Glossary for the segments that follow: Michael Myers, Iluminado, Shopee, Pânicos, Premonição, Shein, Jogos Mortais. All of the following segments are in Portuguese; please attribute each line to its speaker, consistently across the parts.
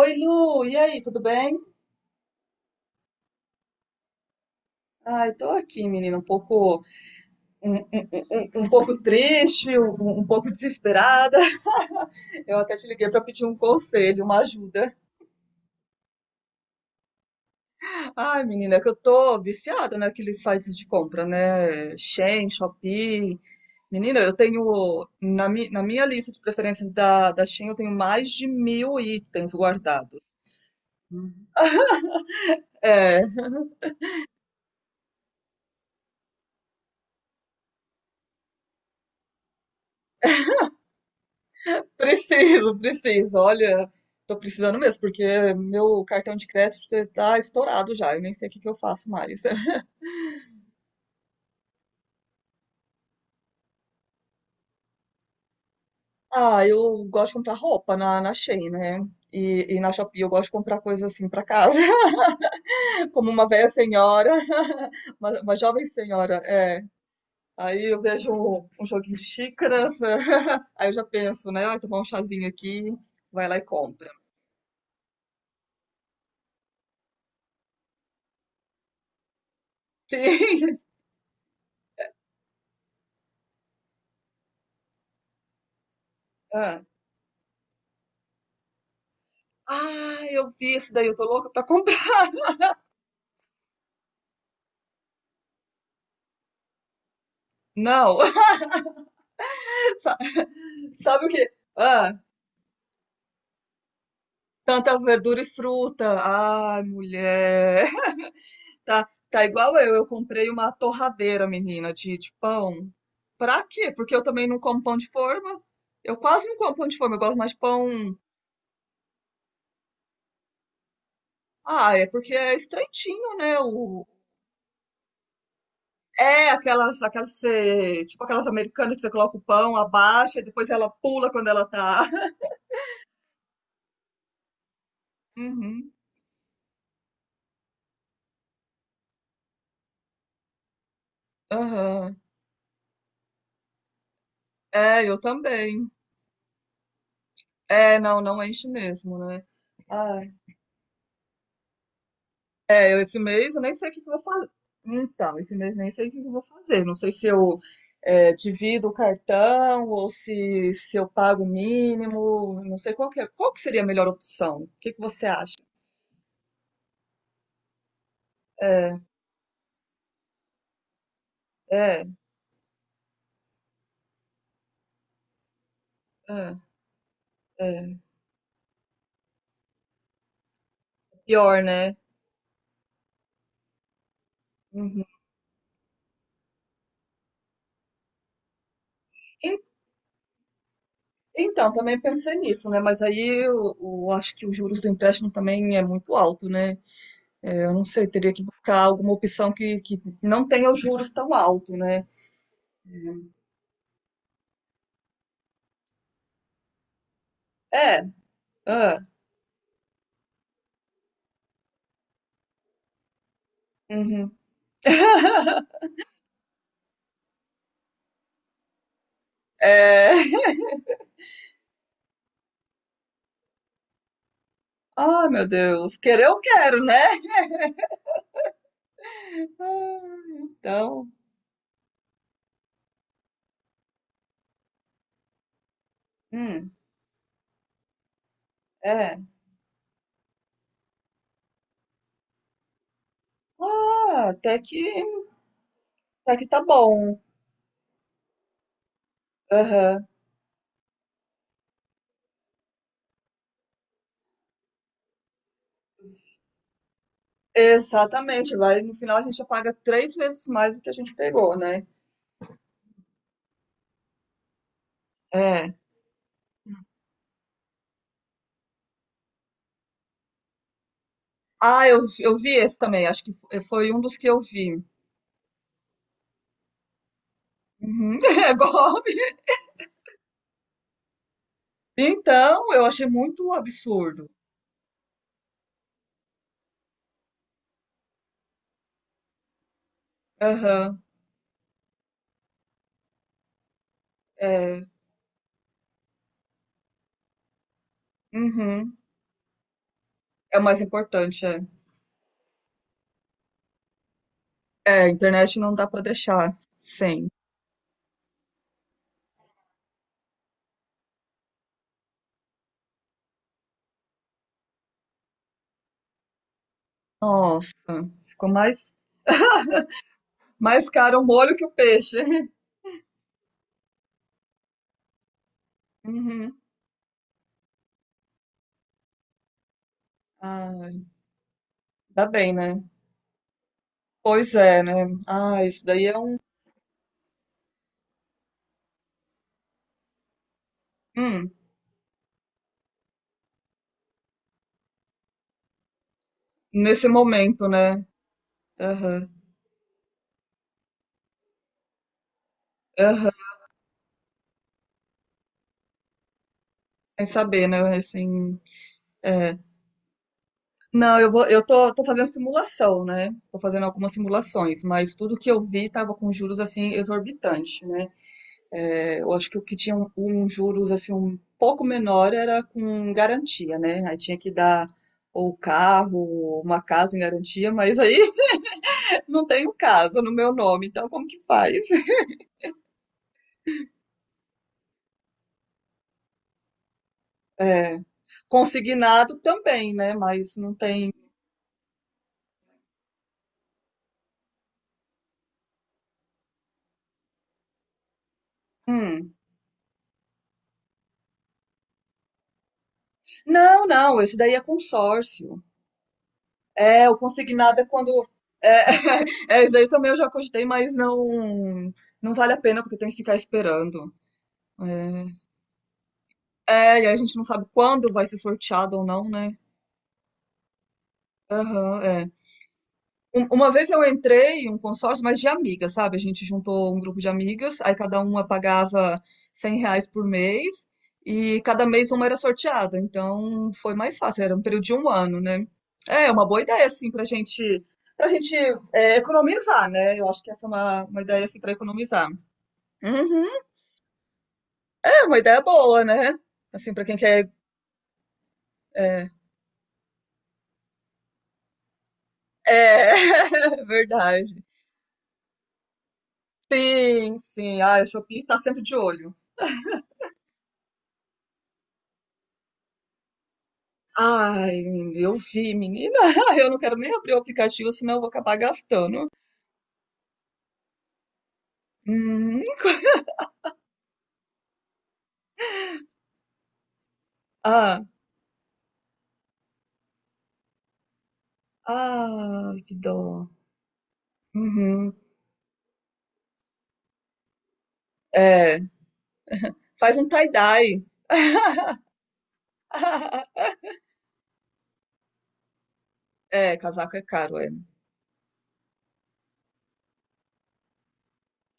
Speaker 1: Oi, Lu, e aí, tudo bem? Ai, tô aqui, menina, um pouco, um pouco triste, um pouco desesperada. Eu até te liguei pra pedir um conselho, uma ajuda. Ai, menina, é que eu tô viciada naqueles sites de compra, né? Shein, Shopee. Menina, eu tenho, na minha lista de preferências da Shein, eu tenho mais de 1.000 itens guardados. É, preciso, preciso. Olha, tô precisando mesmo, porque meu cartão de crédito tá estourado já. Eu nem sei o que que eu faço mais. Ah, eu gosto de comprar roupa na Shein, né? E na Shopee eu gosto de comprar coisas assim pra casa, como uma velha senhora, uma jovem senhora, é. Aí eu vejo um joguinho de xícaras, aí eu já penso, né? Ai, tomar um chazinho aqui, vai lá e compra. Sim. Ah, eu vi esse daí, eu tô louca pra comprar. Não. Sa- Sabe o que? Ah, tanta verdura e fruta. Ai, mulher. Tá, tá, igual eu. Eu comprei uma torradeira, menina, de pão. Pra quê? Porque eu também não como pão de forma. Eu quase não como pão de forma. Eu gosto mais de pão. Ah, é porque é estreitinho, né? O... É aquelas, que tipo aquelas americanas que você coloca o pão, abaixa e depois ela pula quando ela tá. Uhum, aham. É, eu também. É, não, não enche mesmo, né? Ah, esse mês eu nem sei o que, que eu vou fazer. Então, esse mês nem sei o que, que eu vou fazer. Não sei se eu divido o cartão ou se eu pago o mínimo. Não sei qual que, qual que seria a melhor opção. O que, que você acha? É, é, é, é. Pior, né? Uhum. En- Então, também pensei nisso, né? Mas aí eu acho que os juros do empréstimo também é muito alto, né? É, eu não sei, teria que buscar alguma opção que não tenha os juros tão alto, né? É, ah, uhum. É... Ah, meu Deus. Querer eu quero, né? Ah, então, hum, é. Ah, até que tá bom. Aham. Exatamente. Vai, no final a gente já paga três vezes mais do que a gente pegou, né? É. Ah, eu vi esse também. Acho que foi um dos que eu vi. Uhum. É golpe. Então, eu achei muito absurdo. Aham. É. Uhum. É o mais importante, é. É, a internet não dá pra deixar sem. Nossa, ficou mais, mais caro o molho que o peixe. Uhum. Ai, tá bem, né? Pois é, né? Ah, isso daí é um. Hum, nesse momento, né? Aham, aham, sem saber, né? Assim, é. Não, eu tô fazendo simulação, né? Tô fazendo algumas simulações, mas tudo que eu vi tava com juros assim exorbitante, né? É, eu acho que o que tinha um juros assim um pouco menor era com garantia, né? Aí tinha que dar ou carro, ou uma casa em garantia, mas aí não tenho casa no meu nome, então como que faz? É, consignado também, né? Mas não tem. Hum. Não, não, esse daí é consórcio. É, o consignado é quando. É, é, esse aí também eu já cogitei, mas não, não vale a pena, porque tem que ficar esperando. É. É, e a gente não sabe quando vai ser sorteado ou não, né? Aham, é. Uma vez eu entrei em um consórcio, mas de amigas, sabe? A gente juntou um grupo de amigas, aí cada uma pagava R$ 100 por mês e cada mês uma era sorteada. Então foi mais fácil, era um período de um ano, né? É uma boa ideia, assim, pra gente economizar, né? Eu acho que essa é uma ideia, assim, pra economizar. Uhum, é uma ideia boa, né? Assim, pra quem quer. É, é verdade. Sim, sim. Ah, o Shopee está sempre de olho. Ai, eu vi, menina. Eu não quero nem abrir o aplicativo, senão eu vou acabar gastando. Uhum. Ah, ah, que dó. Uhum. É, faz um tie-dye. É, casaco é caro, é.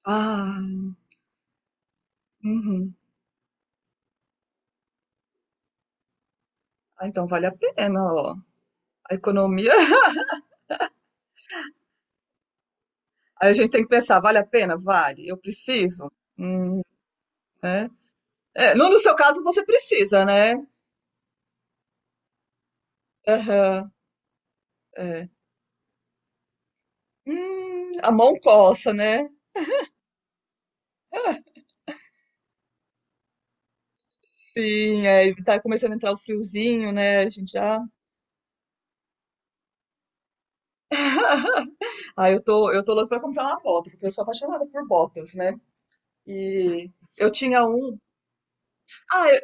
Speaker 1: Ah, uhum. Ah, então vale a pena, ó. A economia. Aí a gente tem que pensar, vale a pena? Vale. Eu preciso? Hum, né? É, no, no seu caso, você precisa, né? Aham, é. A mão coça, né? Sim, é, e tá começando a entrar o friozinho, né? A gente já. Ah, eu tô louca pra comprar uma bota, porque eu sou apaixonada por botas, né? E eu tinha um. Ah, eu,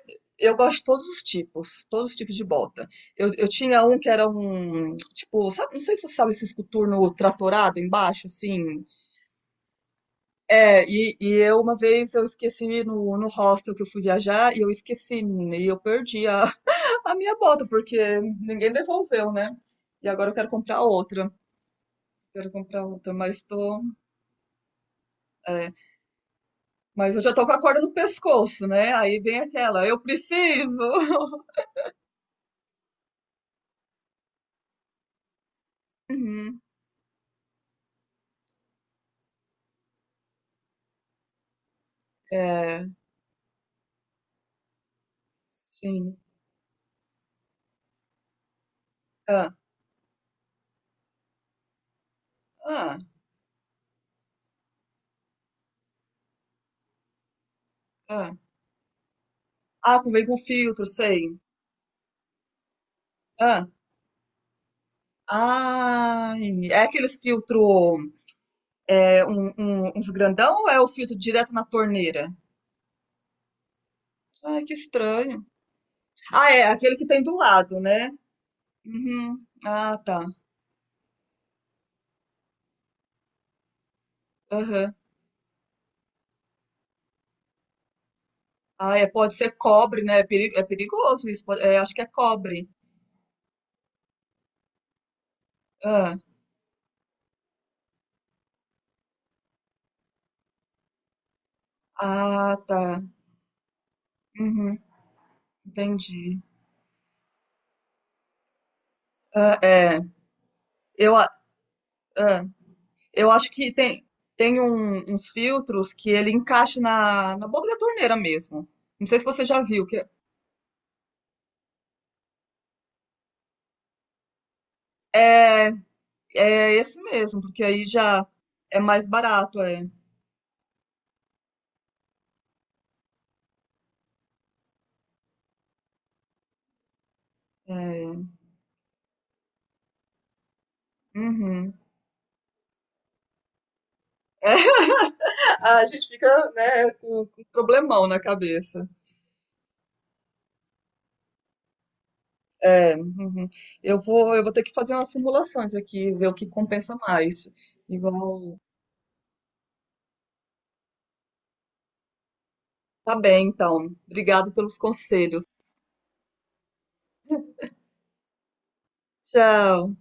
Speaker 1: eu gosto de todos os tipos de bota. Eu tinha um que era um. Tipo, sabe, não sei se você sabe esse coturno tratorado embaixo, assim. É, e eu uma vez eu esqueci no hostel que eu fui viajar e eu esqueci, menina, e eu perdi a minha bota, porque ninguém devolveu, né? E agora eu quero comprar outra. Quero comprar outra, mas tô. É, mas eu já tô com a corda no pescoço, né? Aí vem aquela, eu preciso! Uhum. É, sim. Ah, ah, ah. Ah, vem com filtro, sei. Ah, ai. É aqueles filtro, uns grandão ou é o filtro direto na torneira? Ai, que estranho. Ah, é, aquele que tem do lado, né? Uhum. Ah, tá. Aham. Ah, é, pode ser cobre, né? É perigoso isso. Acho que é cobre. Ah, ah, tá. Uhum, entendi. Ah, é, eu, a- ah, eu acho que tem uns filtros que ele encaixa na boca da torneira mesmo. Não sei se você já viu. Que é, é esse mesmo, porque aí já é mais barato, é. É, uhum. É, a gente fica, né, com problemão na cabeça. Uhum. Eu vou ter que fazer umas simulações aqui, ver o que compensa mais. Igual. Tá bem, então. Obrigado pelos conselhos. Tchau.